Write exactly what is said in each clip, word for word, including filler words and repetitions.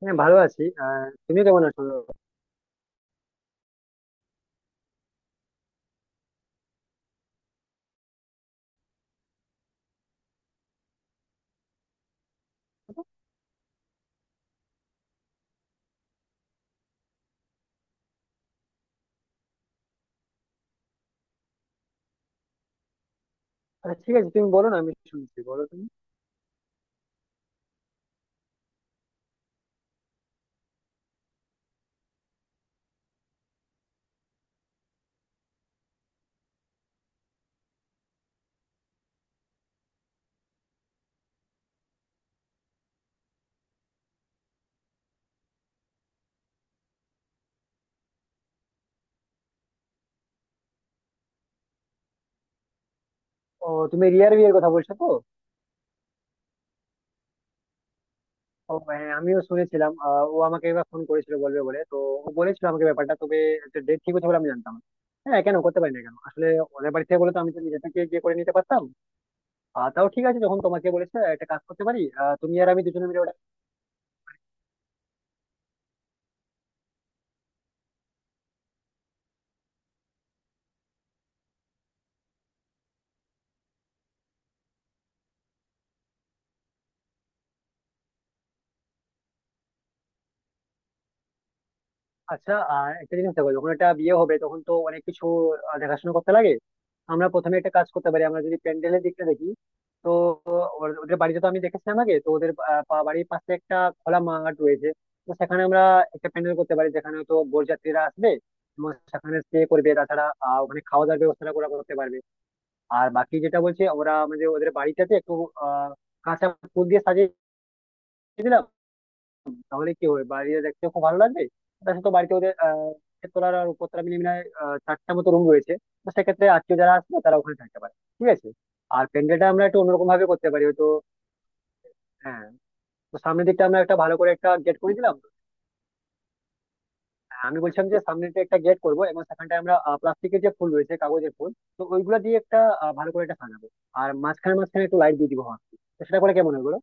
হ্যাঁ, ভালো আছি। আহ তুমি কেমন আছো? আচ্ছা, ঠিক আছে, তুমি বলো না, আমি শুনছি, বলো তুমি। ও, তুমি রিয়ার বিয়ের কথা বলছো তো? ও হ্যাঁ, আমিও শুনেছিলাম। আহ, ও আমাকে এবার ফোন করেছিল বলবে বলে তো। ও বলেছিল আমাকে ব্যাপারটা, তবে একটা ডেট ঠিক হচ্ছে বলে আমি জানতাম না। হ্যাঁ, কেন করতে পারি না, কেন আসলে ওদের বাড়ি থেকে বলে তো আমি তো নিজে থেকে গিয়ে করে নিতে পারতাম। আর তাও ঠিক আছে, যখন তোমাকে বলেছে একটা কাজ করতে পারি, আহ, তুমি আর আমি দুজনে মিলে। আচ্ছা আর একটা জিনিস দেখো, যখন একটা বিয়ে হবে তখন তো অনেক কিছু আহ, দেখাশোনা করতে লাগে। আমরা প্রথমে একটা কাজ করতে পারি, আমরা যদি প্যান্ডেলের দিকটা দেখি। তো ওর- ওদের বাড়িতে তো আমি দেখেছিলাম আগে, তো ওদের আহ, পা- বাড়ির পাশে একটা খোলা মাঠ রয়েছে। তো সেখানে আমরা একটা প্যান্ডেল করতে পারি, যেখানে তো বরযাত্রীরা আসবে এবং সেখানে স্টে করবে। তাছাড়া আহ, ওখানে খাওয়া দাওয়ার ব্যবস্থাটা ওরা করতে পারবে। আর বাকি যেটা বলছে ওরা আমাদের ওদের বাড়িটাতে একটু আহ কাঁচা ফুল দিয়ে সাজিয়ে দিলাম, তাহলে কি হবে? বাড়িতে দেখতে খুব ভালো লাগবে। তার সাথে বাড়িতে ওদের আহ তেতলার আর উপরতলা মিলে মিলে আহ, চারটা মতো রুম রয়েছে। তো সেক্ষেত্রে আত্মীয় যারা আসবে তারা ওখানে থাকতে পারে, ঠিক আছে। আর প্যান্ডেলটা আমরা একটু অন্যরকম ভাবে করতে পারি হয়তো। হ্যাঁ। তো সামনের দিকটা আমরা একটা ভালো করে একটা গেট করে দিলাম। হ্যাঁ, আমি বলছিলাম যে সামনে দিকে একটা গেট করবো, এবং সেখানটায় আমরা প্লাস্টিকের যে ফুল রয়েছে, কাগজের ফুল, তো ওইগুলো দিয়ে একটা আহ, ভালো করে একটা সাজাবো। আর মাঝখানে মাঝখানে একটু লাইট দিয়ে দিবো, হ্যাঁ। তো সেটা করে কেমন হবে বলো?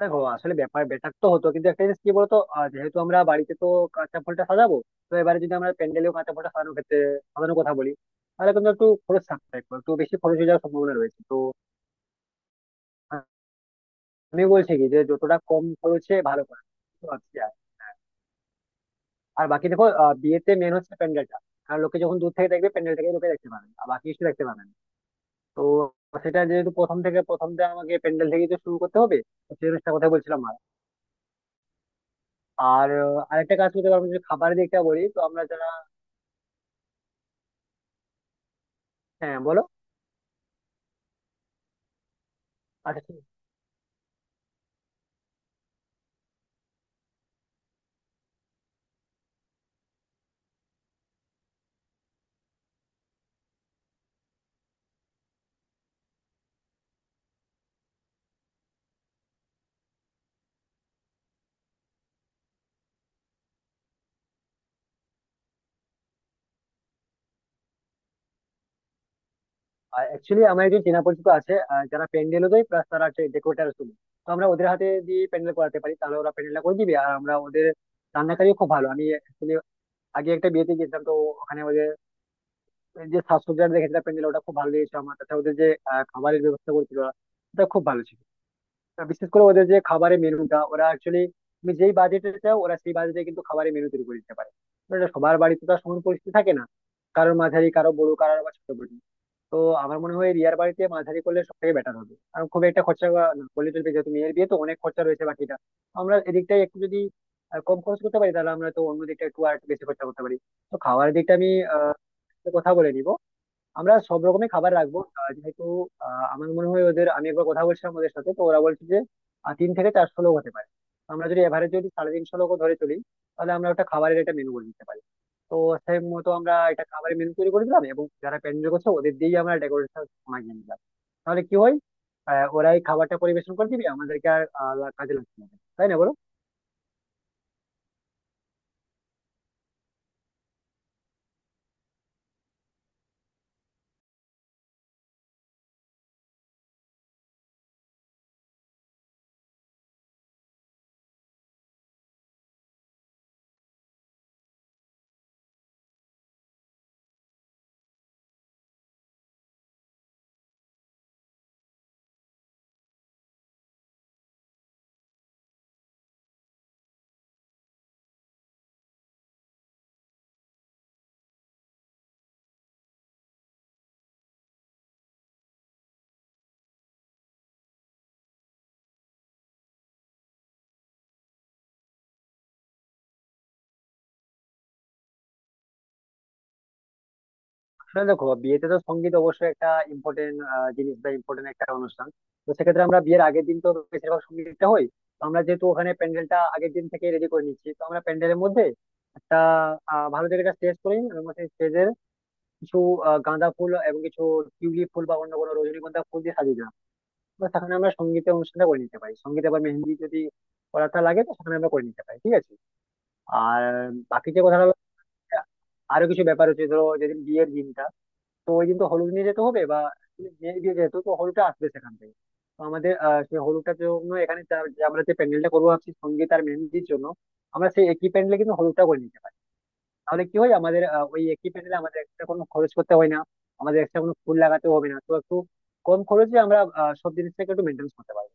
দেখো আসলে ব্যাপার বেটার তো হতো, কিন্তু একটা জিনিস কি বলতো, আহ, যেহেতু আমরা বাড়িতে তো কাঁচা ফুলটা সাজাবো, তো এবারে যদি আমরা প্যান্ডেলেও কাঁচা ফুলটা সাজানোর ক্ষেত্রে সাজানোর কথা বলি, তাহলে কিন্তু একটু খরচ থাকতে একটু একটু বেশি খরচ হয়ে যাওয়ার সম্ভাবনা রয়েছে তো। আমি বলছি কি, যে যতটা কম খরচে ভালো করা। তো আচ্ছা, আর আর বাকি দেখো, আহ, বিয়েতে মেন হচ্ছে প্যান্ডেলটা, কারণ লোকে যখন দূর থেকে দেখবে প্যান্ডেলটাকে লোকে দেখতে পাবেন, আর বাকি কিছু দেখতে পাবেন। তো সেটা যেহেতু প্রথম থেকে প্রথম থেকে আমাকে প্যান্ডেল থেকেই তো শুরু করতে হবে। তো সেই জিনিসটা কথা বলছিলাম। আর আর আহ, আরেকটা কাজ করতে পারবো, যদি খাবারের দিকটা বলি, তো আমরা যারা হ্যাঁ বলো, আচ্ছা ঠিক। অ্যাকচুয়ালি আমার একজন চেনা পরিচিত আছে, আহ, যারা প্যান্ডেলও দেয়, প্লাস তারা ডেকোরেটার শুনে। তো আমরা ওদের হাতে দিয়ে প্যান্ডেল করাতে পারি, তাহলে ওরা প্যান্ডেলটা করে দিবে, আর আমরা ওদের রান্নাকারীও খুব ভালো। আমি actually আগে একটা বিয়েতে গেছিলাম তো, ওখানে ওদের যে সাজসজ্জা দেখেছিলাম, প্যান্ডেল, ওটা খুব ভালো লেগেছে আমার। তাছাড়া ওদের যে আহ, খাবারের ব্যবস্থা করেছিল ওরা, ওটা খুব ভালো ছিল। আর বিশেষ করে ওদের যে খাবারের মেনুটা, ওরা অ্যাকচুয়ালি তুমি যেই বাজেটে চাও ওরা সেই বাজেটে কিন্তু খাবারের মেনু তৈরি করে দিতে পারে। তো এটা সবার বাড়িতে তো আর সমান পরিস্থিতি থাকে না। কারোর মাঝারি, কারো বড়, কারোর আবার ছোট বড়। তো আমার মনে হয় রিয়ার বাড়িতে মাঝারি করলে সব থেকে বেটার হবে, কারণ খুব একটা খরচা বা- না করলে চলবে, যেহেতু মেয়ের বিয়ে তো অনেক খরচা রয়েছে বাকিটা। আমরা এদিকটাই একটু যদি আহ, কম খরচ করতে পারি, তাহলে আমরা তো অন্য দিকটা একটু আর একটু বেশি খরচা করতে পারি। তো খাবারের দিকটা আমি আহ, একটু কথা বলে নিব। আমরা সব রকমের খাবার রাখবো, আহ, যেহেতু আহ, আমার মনে হয় ওদের আমি একবার কথা বলছিলাম ওদের সাথে, তো ওরা বলছে যে আহ, তিন থেকে চারশো লোক হতে পারে। আমরা যদি এভারেজ যদি সাড়ে তিনশো লোক ধরে চলি, তাহলে আমরা একটা খাবারের একটা মেনু করে দিতে পারি। তো সেই মতো আমরা এটা খাবারের মেনু তৈরি করে দিলাম, এবং যারা প্যান্ডেল করছে ওদের দিয়েই আমরা ডেকোরেশন মাগিয়ে নিলাম। তাহলে কি হয়, আহ, ওরাই খাবারটা পরিবেশন করে দিবে আমাদেরকে, আর আহ, লা- কাজে লাগছে না, তাই না বলো? আসলে দেখো বিয়েতে তো সঙ্গীত অবশ্যই একটা ইম্পর্টেন্ট জিনিস বা ইম্পর্টেন্ট একটা অনুষ্ঠান। তো সেক্ষেত্রে আমরা বিয়ের আগের দিন তো বেশিরভাগ সঙ্গীতটা হয়। তো আমরা যেহেতু ওখানে প্যান্ডেলটা আগের দিন থেকে রেডি করে নিচ্ছি, তো আমরা প্যান্ডেলের মধ্যে একটা আহ, ভালো দেখে একটা স্টেজ করে নিই, এবং সেই স্টেজের কিছু আহ, গাঁদা ফুল এবং কিছু টিউলিপ ফুল বা অন্য কোনো রজনীগন্ধা ফুল দিয়ে সাজিয়ে দেবো। বা সেখানে আমরা সঙ্গীতের অনুষ্ঠানটা করে নিতে পারি। সঙ্গীত আবার মেহেন্দি যদি করাটা লাগে, তো সেখানে আমরা করে নিতে পারি, ঠিক আছে। আর বাকি যে কথাটা হলো, আরো কিছু ব্যাপার হচ্ছে, ধরো যেদিন বিয়ের দিনটা, তো ওই দিন তো হলুদ নিয়ে যেতে হবে বা মেয়ের বিয়ে যেহেতু, তো হলুদটা আসবে সেখান থেকে। তো আমাদের আহ সেই হলুদটার জন্য এখানে যা- যে আমরা যে প্যান্ডেলটা করবো ভাবছি সঙ্গীত আর মেহেন্দির জন্য, আমরা সেই একই প্যান্ডেলে কিন্তু হলুদটা করে নিতে পারি। তাহলে কি হয়, আমাদের আহ, ওই একই প্যান্ডেলে আমাদের একটা কোনো খরচ করতে হয় না। আমাদের একটা কোনো ফুল লাগাতে হবে না, তো একটু কম খরচে আমরা আহ, সব জিনিসটাকে একটু মেনটেন করতে পারবো।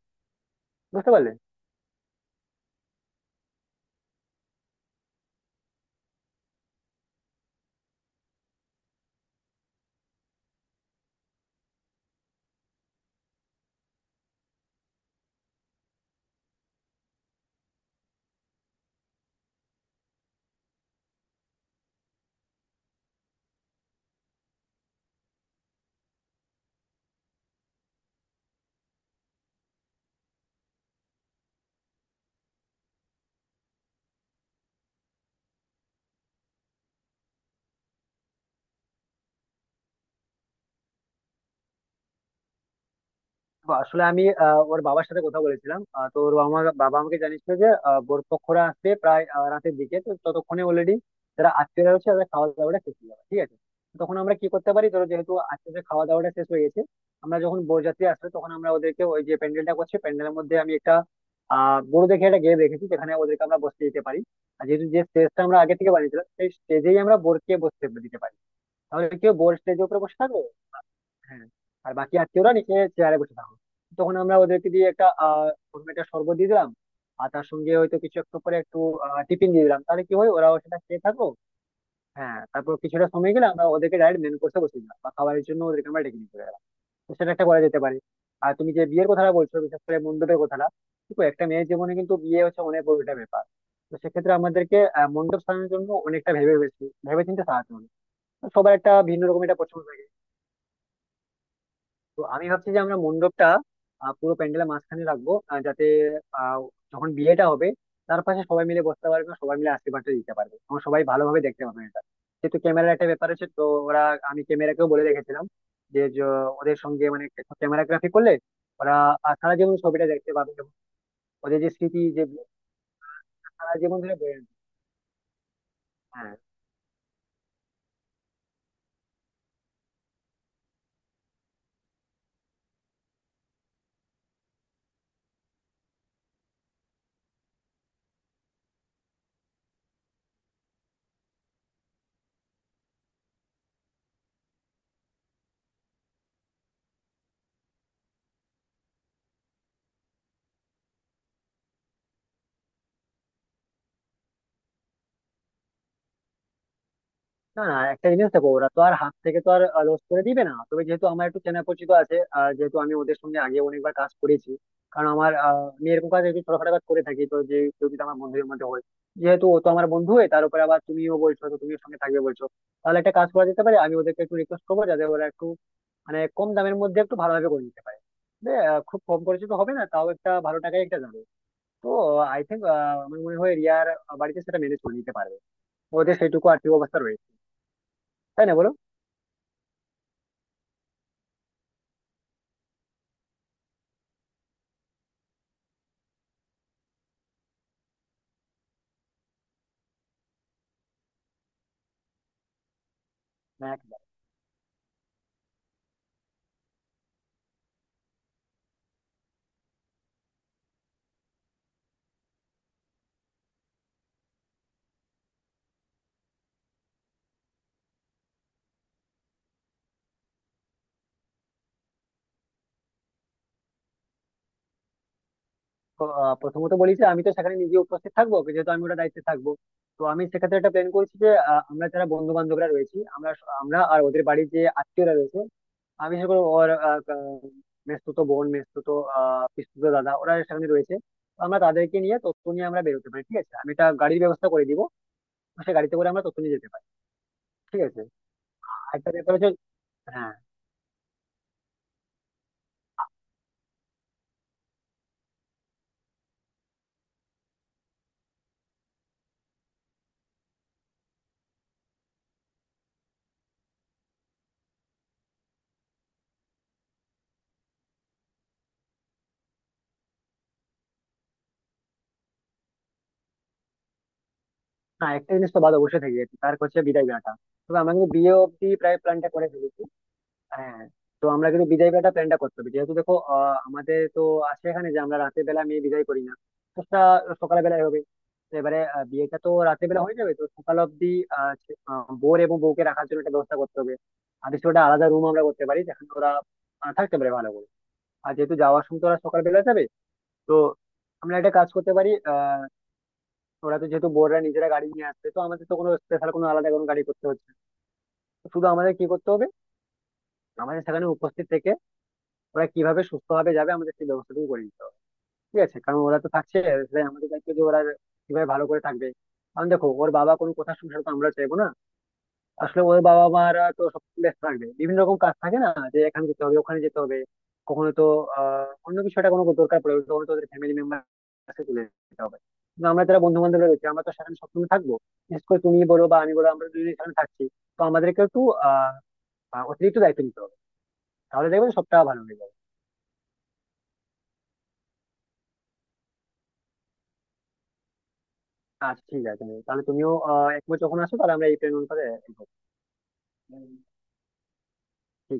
বুঝতে পারলে? তো আসলে আমি আহ, ওর বাবার সাথে কথা বলেছিলাম, আহ, তো ওর বাবা বাবা আমাকে জানিয়েছিল যে আহ, বরপক্ষরা আসবে প্রায় আহ, রাতের দিকে। তো ততক্ষণে অলরেডি যারা আত্মীয়রা রয়েছে তাদের খাওয়া দাওয়াটা শেষ হয়ে যাবে, ঠিক আছে। তো তখন আমরা কি করতে পারি, ধরো যেহেতু আত্মীয়দের খাওয়া দাওয়াটা শেষ হয়ে গেছে, আমরা যখন বরযাত্রী আসবে তখন আমরা ওদেরকে ওই যে প্যান্ডেলটা করছে প্যান্ডেলের মধ্যে, আমি একটা আহ বড় দেখে একটা গেম রেখেছি যেখানে ওদেরকে আমরা বসতে দিতে পারি। আর যেহেতু যে স্টেজটা আমরা আগে থেকে বানিয়েছিলাম, সেই স্টেজেই আমরা বোরকে বসতে দিতে পারি। তাহলে কেউ বোর স্টেজের উপরে বসে থাকবে, হ্যাঁ। আর বাকি আত্মীয়রা নিচে চেয়ারে বসে থাকো। তখন আমরা ওদেরকে দিয়ে একটা আহ কোনো একটা শরবত দিয়ে দিলাম, আর তার সঙ্গে হয়তো কিছু একটু করে একটু আহ, টিফিন দিয়ে দিলাম। তাহলে কি হয়, ওরাও সেটা খেয়ে থাকো। হ্যাঁ, তারপর কিছুটা সময় গেলে আমরা ওদেরকে ডাইরেক্ট মেন কোর্সে বসিয়ে দিলাম, বা খাবারের জন্য ওদেরকে আমরা ডেকে নিয়ে চলে গেলাম। তো সেটা একটা করা যেতে পারে। আর তুমি যে বিয়ের কথাটা বলছো, বিশেষ করে মণ্ডপের কথাটা, দেখো একটা মেয়ের জীবনে কিন্তু বিয়ে হচ্ছে অনেক বড় একটা ব্যাপার। তো সেক্ষেত্রে আমাদেরকে আহ, মণ্ডপ সাজানোর জন্য অনেকটা ভেবে ভেবেছি ভেবে চিন্তে সাজাতে হবে। তো সবার একটা ভিন্ন রকম একটা পছন্দ। তো আমি ভাবছি যে আমরা মণ্ডপটা আহ, পুরো প্যান্ডেলের মাঝখানে রাখবো, আহ, যাতে আহ, যখন বিয়েটা হবে, তার পাশে সবাই মিলে বসতে পারবে, সবাই মিলে আশীর্বাদটা দিতে পারবে, এবং সবাই ভালোভাবে দেখতে পাবে এটা। যেহেতু ক্যামেরার একটা ব্যাপার আছে, তো ওরা আমি ক্যামেরাকেও বলে রেখেছিলাম যে য- ওদের সঙ্গে মানে ক্যামেরাগ্রাফি করলে ওরা আহ, সারা জীবন ছবিটা দেখতে পাবে, এবং ওদের যে স্মৃতি যে সারা জীবন ধরে বয়ে আনবে। হ্যাঁ। না না, একটা জিনিস দেখো, ওরা তো আর হাত থেকে তো আর লস করে দিবে না। তবে যেহেতু আমার একটু চেনা পরিচিত আছে, আর যেহেতু আমি ওদের সঙ্গে আগে অনেকবার কাজ করেছি, কারণ আমার আহ, আমি এরকম কাজ একটু ছোটখাটো কাজ করে থাকি, তো যে কেউ যদি আমার বন্ধুদের মধ্যে হয়, যেহেতু ও তো আমার বন্ধু, হয়ে তার উপরে আবার তুমিও বলছো তো তুমিও সঙ্গে থাকবে বলছো, তাহলে একটা কাজ করা যেতে পারে। আমি ওদেরকে একটু রিকোয়েস্ট করবো যাতে ওরা একটু মানে কম দামের মধ্যে একটু ভালোভাবে করে নিতে পারে। যে, আহ, খুব কম খরচে তো হবে না, তাও একটা ভালো টাকায় একটা যাবে। তো আই থিঙ্ক, আমার মনে হয় রিয়ার বাড়িতে সেটা ম্যানেজ করে নিতে পারবে। ওদের সেইটুকু আর্থিক অবস্থা রয়েছে, তাই না বলো? একদম। তো, আহ, প্রথমত বলি যে আমি তো সেখানে নিজে উপস্থিত থাকবো, যেহেতু আমি ওটা দায়িত্বে থাকবো। তো আমি সেক্ষেত্রে একটা প্ল্যান করেছি যে, আহ, আমরা যারা বন্ধু বান্ধবরা রয়েছি, আমরা স- আমরা আর ওদের বাড়ির যে আত্মীয়রা রয়েছে, আমি বিশেষ করে ওর আহ, আহ, মেসতুতো বোন, মেসতুতো আহ পিসতুতো দাদা, ওরা সেখানে রয়েছে। তো আমরা তাদেরকে নিয়ে তথ্য নিয়ে আমরা বেরোতে পারি, ঠিক আছে। আমি একটা গাড়ির ব্যবস্থা করে দিব, তো সেই গাড়িতে করে আমরা তথ্য নিয়ে যেতে পারি। ঠিক আছে, আরেকটা ব্যাপার হচ্ছে, হ্যাঁ। না, একটা জিনিস তো বাদ অবশ্যই থেকে গেছে, তার হচ্ছে বিদায় বেলাটা। তবে আমরা কিন্তু বিয়ে অব্দি প্রায় প্ল্যানটা করে ফেলেছি। হ্যাঁ। তো আমরা কিন্তু বিদায় বেলাটা প্ল্যানটা করতে হবে, যেহেতু দেখো আহ, আমাদের তো আছে এখানে যে আমরা রাতের বেলা মেয়ে বিদায় করি না। তো সেটা সকাল বেলায় হবে। তো এবারে আহ, বিয়েটা তো রাতের বেলা হয়ে যাবে, তো সকাল অব্দি আহ, ছে- আহ, বর এবং বউকে রাখার জন্য একটা ব্যবস্থা করতে হবে। আর কিছু একটা আলাদা রুম আমরা করতে পারি যেখানে ওরা আহ, থাকতে পারে ভালো করে। আর যেহেতু যাওয়ার সময় তো ওরা সকালবেলা যাবে, তো আমরা একটা কাজ করতে পারি। আহ, ওরা তো যেহেতু বোর্ডরা নিজেরা গাড়ি নিয়ে আসবে, তো আমাদের তো কোনো স্পেশাল কোনো আলাদা কোনো গাড়ি করতে হচ্ছে না। তো শুধু আমাদের কি করতে হবে, আমাদের সেখানে উপস্থিত থেকে ওরা কিভাবে সুস্থভাবে যাবে আমাদের সেই ব্যবস্থাটুকু করে নিতে হবে, ঠিক আছে। কারণ ওরা তো থাকছে, তাই আমাদের দায়িত্ব যে ওরা কিভাবে ভালো করে থাকবে। কারণ দেখো ওর বাবা কোনো কথা শুনছে না, তো আমরা চাইবো না, আসলে ওর বাবা মারা তো সব ব্যস্ত থাকবে, বিভিন্ন রকম কাজ থাকে না যে এখানে যেতে হবে ওখানে যেতে হবে, কখনো তো আহ অন্য কিছু একটা কোনো দরকার পড়বে, তখন তো ওদের ফ্যামিলি মেম্বার কাছে চলে যেতে হবে। কিন্তু আমরা যারা বন্ধু বান্ধব রয়েছে আমরা তো সেখানে সবসময় থাকবো। বিশেষ করে তুমি বলো বা আমি বলো, আমরা দুজনে সেখানে থাকছি, তো আমাদেরকে একটু আহ আহ, অতিরিক্ত দায়িত্ব নিতে হবে, তাহলে দেখবেন সবটা ভালো হবে। আচ্ছা ঠিক আছে, তাহলে তুমিও আহ একবার যখন আসো, তাহলে আমরা এই প্ল্যান অনুসারে এগোবো। ঠিক আছে।